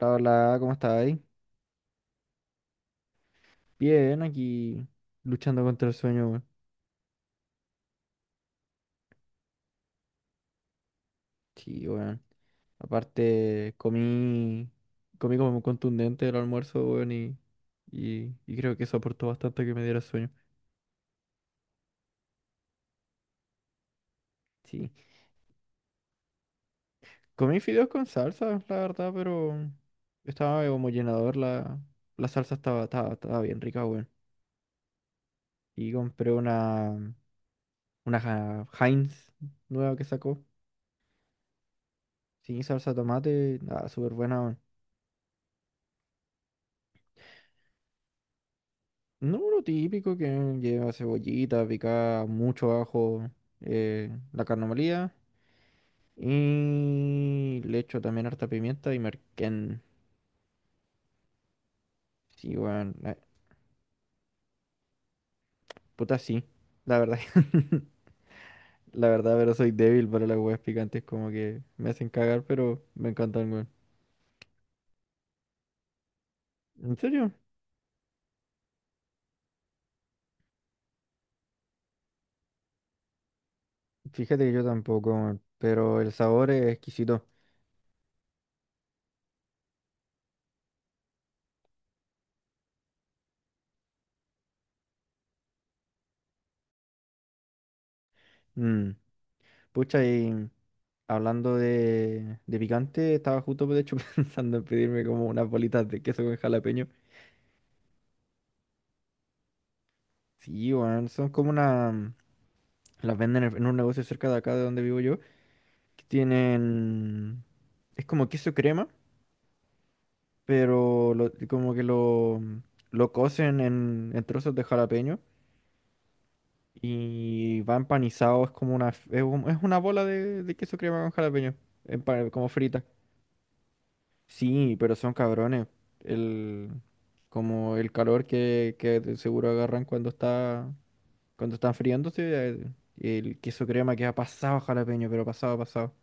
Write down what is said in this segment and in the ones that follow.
Hola, ¿cómo estáis? Bien, aquí luchando contra el sueño, weón. Sí, weón. Aparte, comí como contundente el almuerzo, weón, y creo que eso aportó bastante a que me diera sueño. Sí, comí fideos con salsa, la verdad, pero estaba como llenador, la salsa estaba bien rica, weón. Y compré una Heinz nueva que sacó, sin salsa de tomate, nada, súper buena. No, lo típico que lleva cebollita, picada, mucho ajo, la carne molida y le echo también harta pimienta y merquén. Sí, weón, puta sí, la verdad. La verdad, pero soy débil para las weas picantes, como que me hacen cagar, pero me encantan, weón. ¿En serio? Fíjate que yo tampoco, weón, pero el sabor es exquisito. Mm, Pucha, y hablando de picante, estaba justo de hecho pensando en pedirme como unas bolitas de queso con jalapeño. Sí, weón, son como una... Las venden en un negocio cerca de acá de donde vivo yo, que tienen... Es como queso crema, pero como que lo cocen en trozos de jalapeño y va empanizado, es como una... Es, es una bola de queso crema con jalapeño, como frita. Sí, pero son cabrones. El, como el calor que de seguro agarran cuando está, cuando están friándose. El queso crema que ha pasado jalapeño, pero pasado, pasado.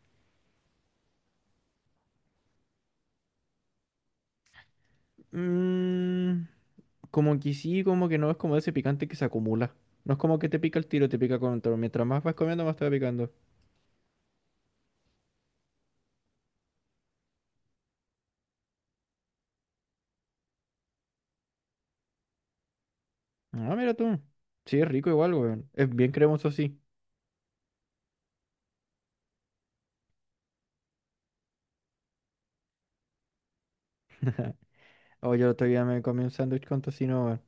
Mm, como que sí, como que no, es como ese picante que se acumula. No es como que te pica el tiro, te pica con todo. Mientras más vas comiendo, más te va picando. Ah, mira tú. Sí, es rico igual, weón. Es bien cremoso, sí. Oh, yo el otro día me comí un sándwich con tocino, weón.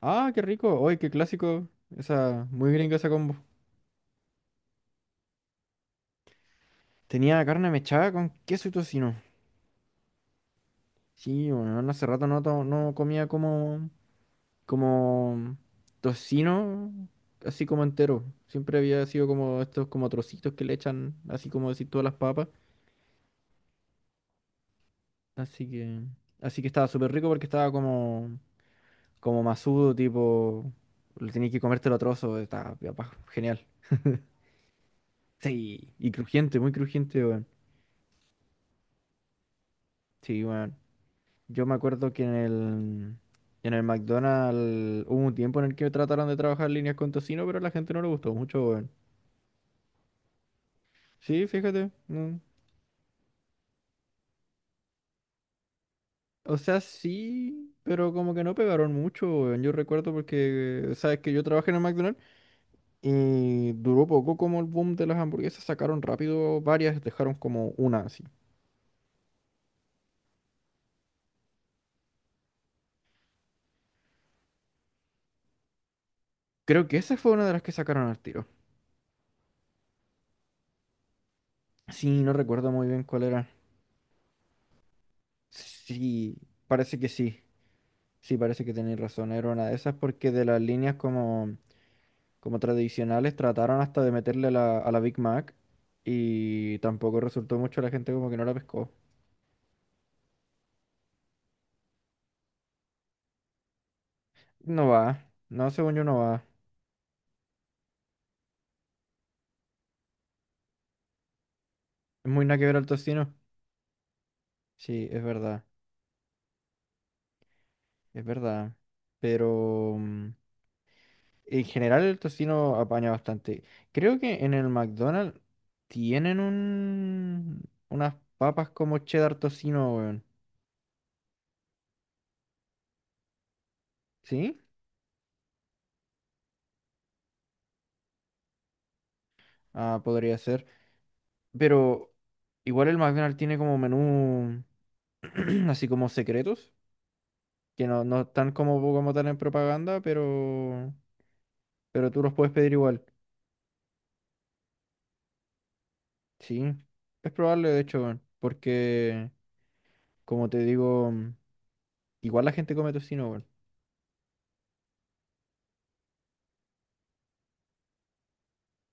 Ah, qué rico. Oye, qué clásico. Esa, muy gringa esa combo. Tenía carne mechada con queso y tocino. Sí, bueno, hace rato no, no comía como, como tocino, así como entero. Siempre había sido como estos como trocitos que le echan, así como decir todas las papas. Así que, así que estaba súper rico porque estaba como, como masudo, tipo, le tenías que comértelo a trozos, estaba genial. Sí, y crujiente, muy crujiente, weón. Sí, weón. Yo me acuerdo que en el McDonald's hubo un tiempo en el que trataron de trabajar líneas con tocino, pero a la gente no le gustó mucho, weón. Sí, fíjate. No. O sea, sí, pero como que no pegaron mucho, weón. Yo recuerdo porque, sabes que yo trabajé en el McDonald's y duró poco como el boom de las hamburguesas. Sacaron rápido varias, dejaron como una así. Creo que esa fue una de las que sacaron al tiro. Sí, no recuerdo muy bien cuál era. Sí, parece que sí. Sí, parece que tenéis razón, era una de esas porque de las líneas como, como tradicionales trataron hasta de meterle a la Big Mac y tampoco resultó mucho, la gente como que no la pescó. No va, no, según yo no va. Es muy nada que ver al tocino. Sí, es verdad, es verdad. Pero en general el tocino apaña bastante. Creo que en el McDonald's tienen unas papas como cheddar tocino, weón. ¿Sí? Ah, podría ser. Pero igual el McDonald's tiene como menú así como secretos, que no están como, como tal en propaganda, pero tú los puedes pedir igual. Sí, es probable de hecho, weón, porque como te digo, igual la gente come tocino, weón.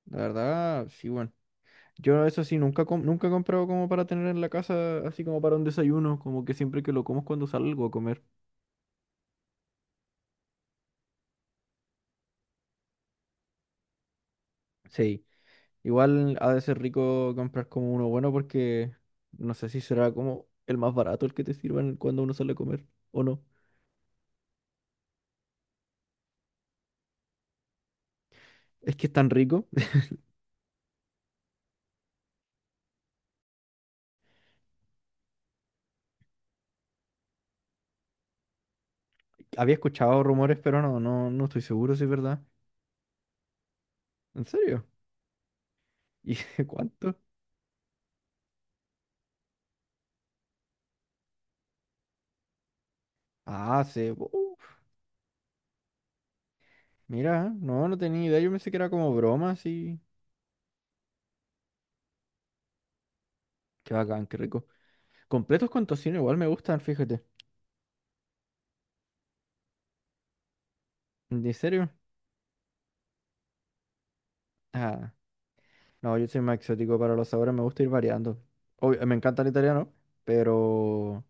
La verdad, sí, bueno. Yo eso sí, nunca, nunca he comprado como para tener en la casa, así como para un desayuno, como que siempre que lo como es cuando salgo a comer. Sí. Igual ha de ser rico comprar como uno bueno porque no sé si será como el más barato el que te sirvan cuando uno sale a comer o no. Es que es tan rico. Había escuchado rumores, pero no estoy seguro si es verdad. ¿En serio? ¿Y cuánto? Ah, se... uf, mira, no, no tenía idea. Yo pensé que era como broma, así. Qué bacán, qué rico. Completos con tocino igual me gustan, fíjate. ¿En serio? Ah, no, yo soy más exótico para los sabores, me gusta ir variando. Obvio, me encanta el italiano, pero...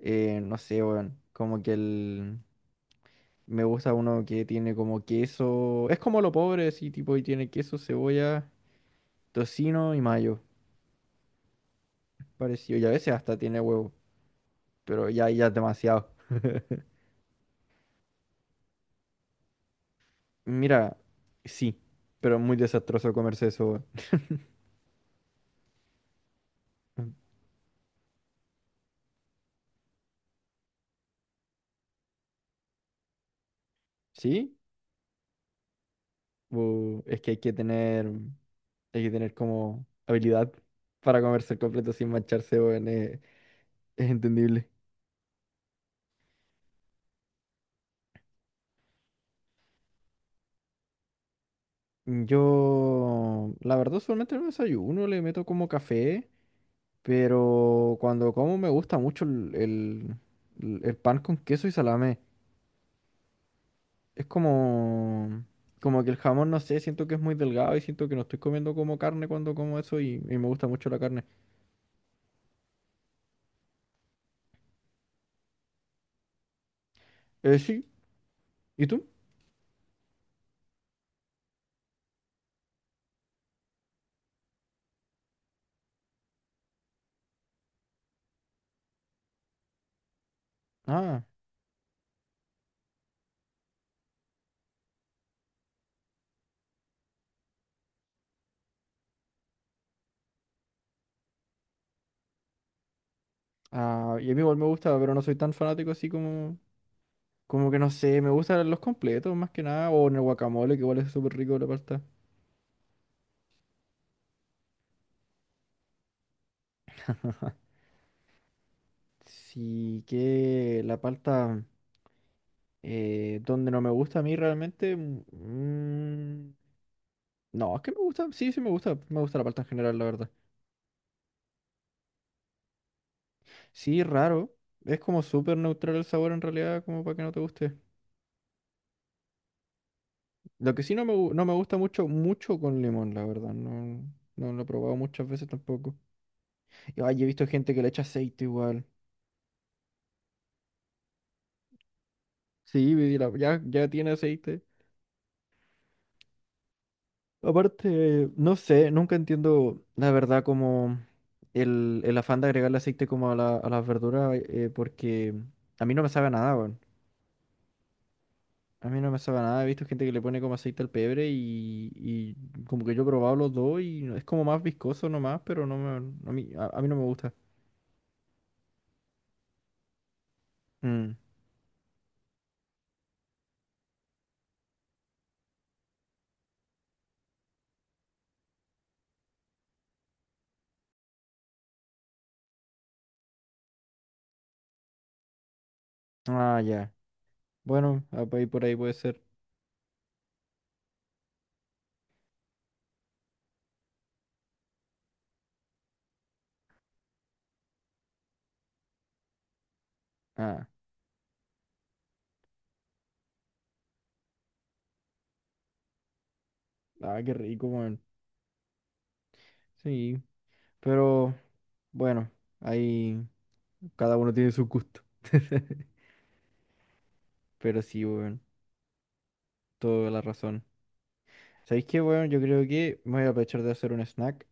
No sé, weón. Como que el... Me gusta uno que tiene como queso. Es como lo pobre, sí tipo, y tiene queso, cebolla, tocino y mayo. Parecido. Y a veces hasta tiene huevo. Pero ya, ya es demasiado. Mira, sí. Pero es muy desastroso comerse eso, weón. ¿Sí? Bu, es que hay que tener. Hay que tener como habilidad para comerse el completo sin mancharse, weón. Es entendible. Yo, la verdad, solamente en el desayuno, le meto como café. Pero cuando como me gusta mucho el pan con queso y salame. Es como, como que el jamón, no sé, siento que es muy delgado y siento que no estoy comiendo como carne cuando como eso y me gusta mucho la carne. Sí, ¿y tú? Ah, y a mí igual me gusta, pero no soy tan fanático así como, como que no sé, me gustan los completos más que nada, o en el guacamole, que igual es súper rico la palta. Sí, que la palta, donde no me gusta a mí realmente, mm, no, es que me gusta, sí, sí me gusta la palta en general, la verdad. Sí, raro, es como súper neutral el sabor en realidad, como para que no te guste. Lo que sí no me, no me gusta mucho, mucho con limón, la verdad, no, no lo he probado muchas veces tampoco. Y, ay, he visto gente que le echa aceite igual. Sí, ya, ya tiene aceite. Aparte, no sé, nunca entiendo la verdad como el afán de agregarle aceite como a a las verduras, porque a mí no me sabe a nada, weón. A mí no me sabe a nada, he visto gente que le pone como aceite al pebre y como que yo he probado los dos y es como más viscoso nomás, pero no me, a mí, a mí no me gusta. Mm. Ah, ya. Bueno, ah, por ahí puede ser. Ah, qué rico, weón. Sí, pero bueno, ahí cada uno tiene su gusto. Pero sí, weón, toda la razón. ¿Sabéis qué, weón? Yo creo que me voy a aprovechar de hacer un snack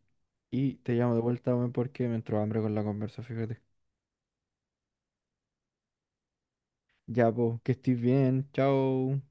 y te llamo de vuelta, weón, porque me entró hambre con la conversa, fíjate. Ya, pues, que estés bien. Chao.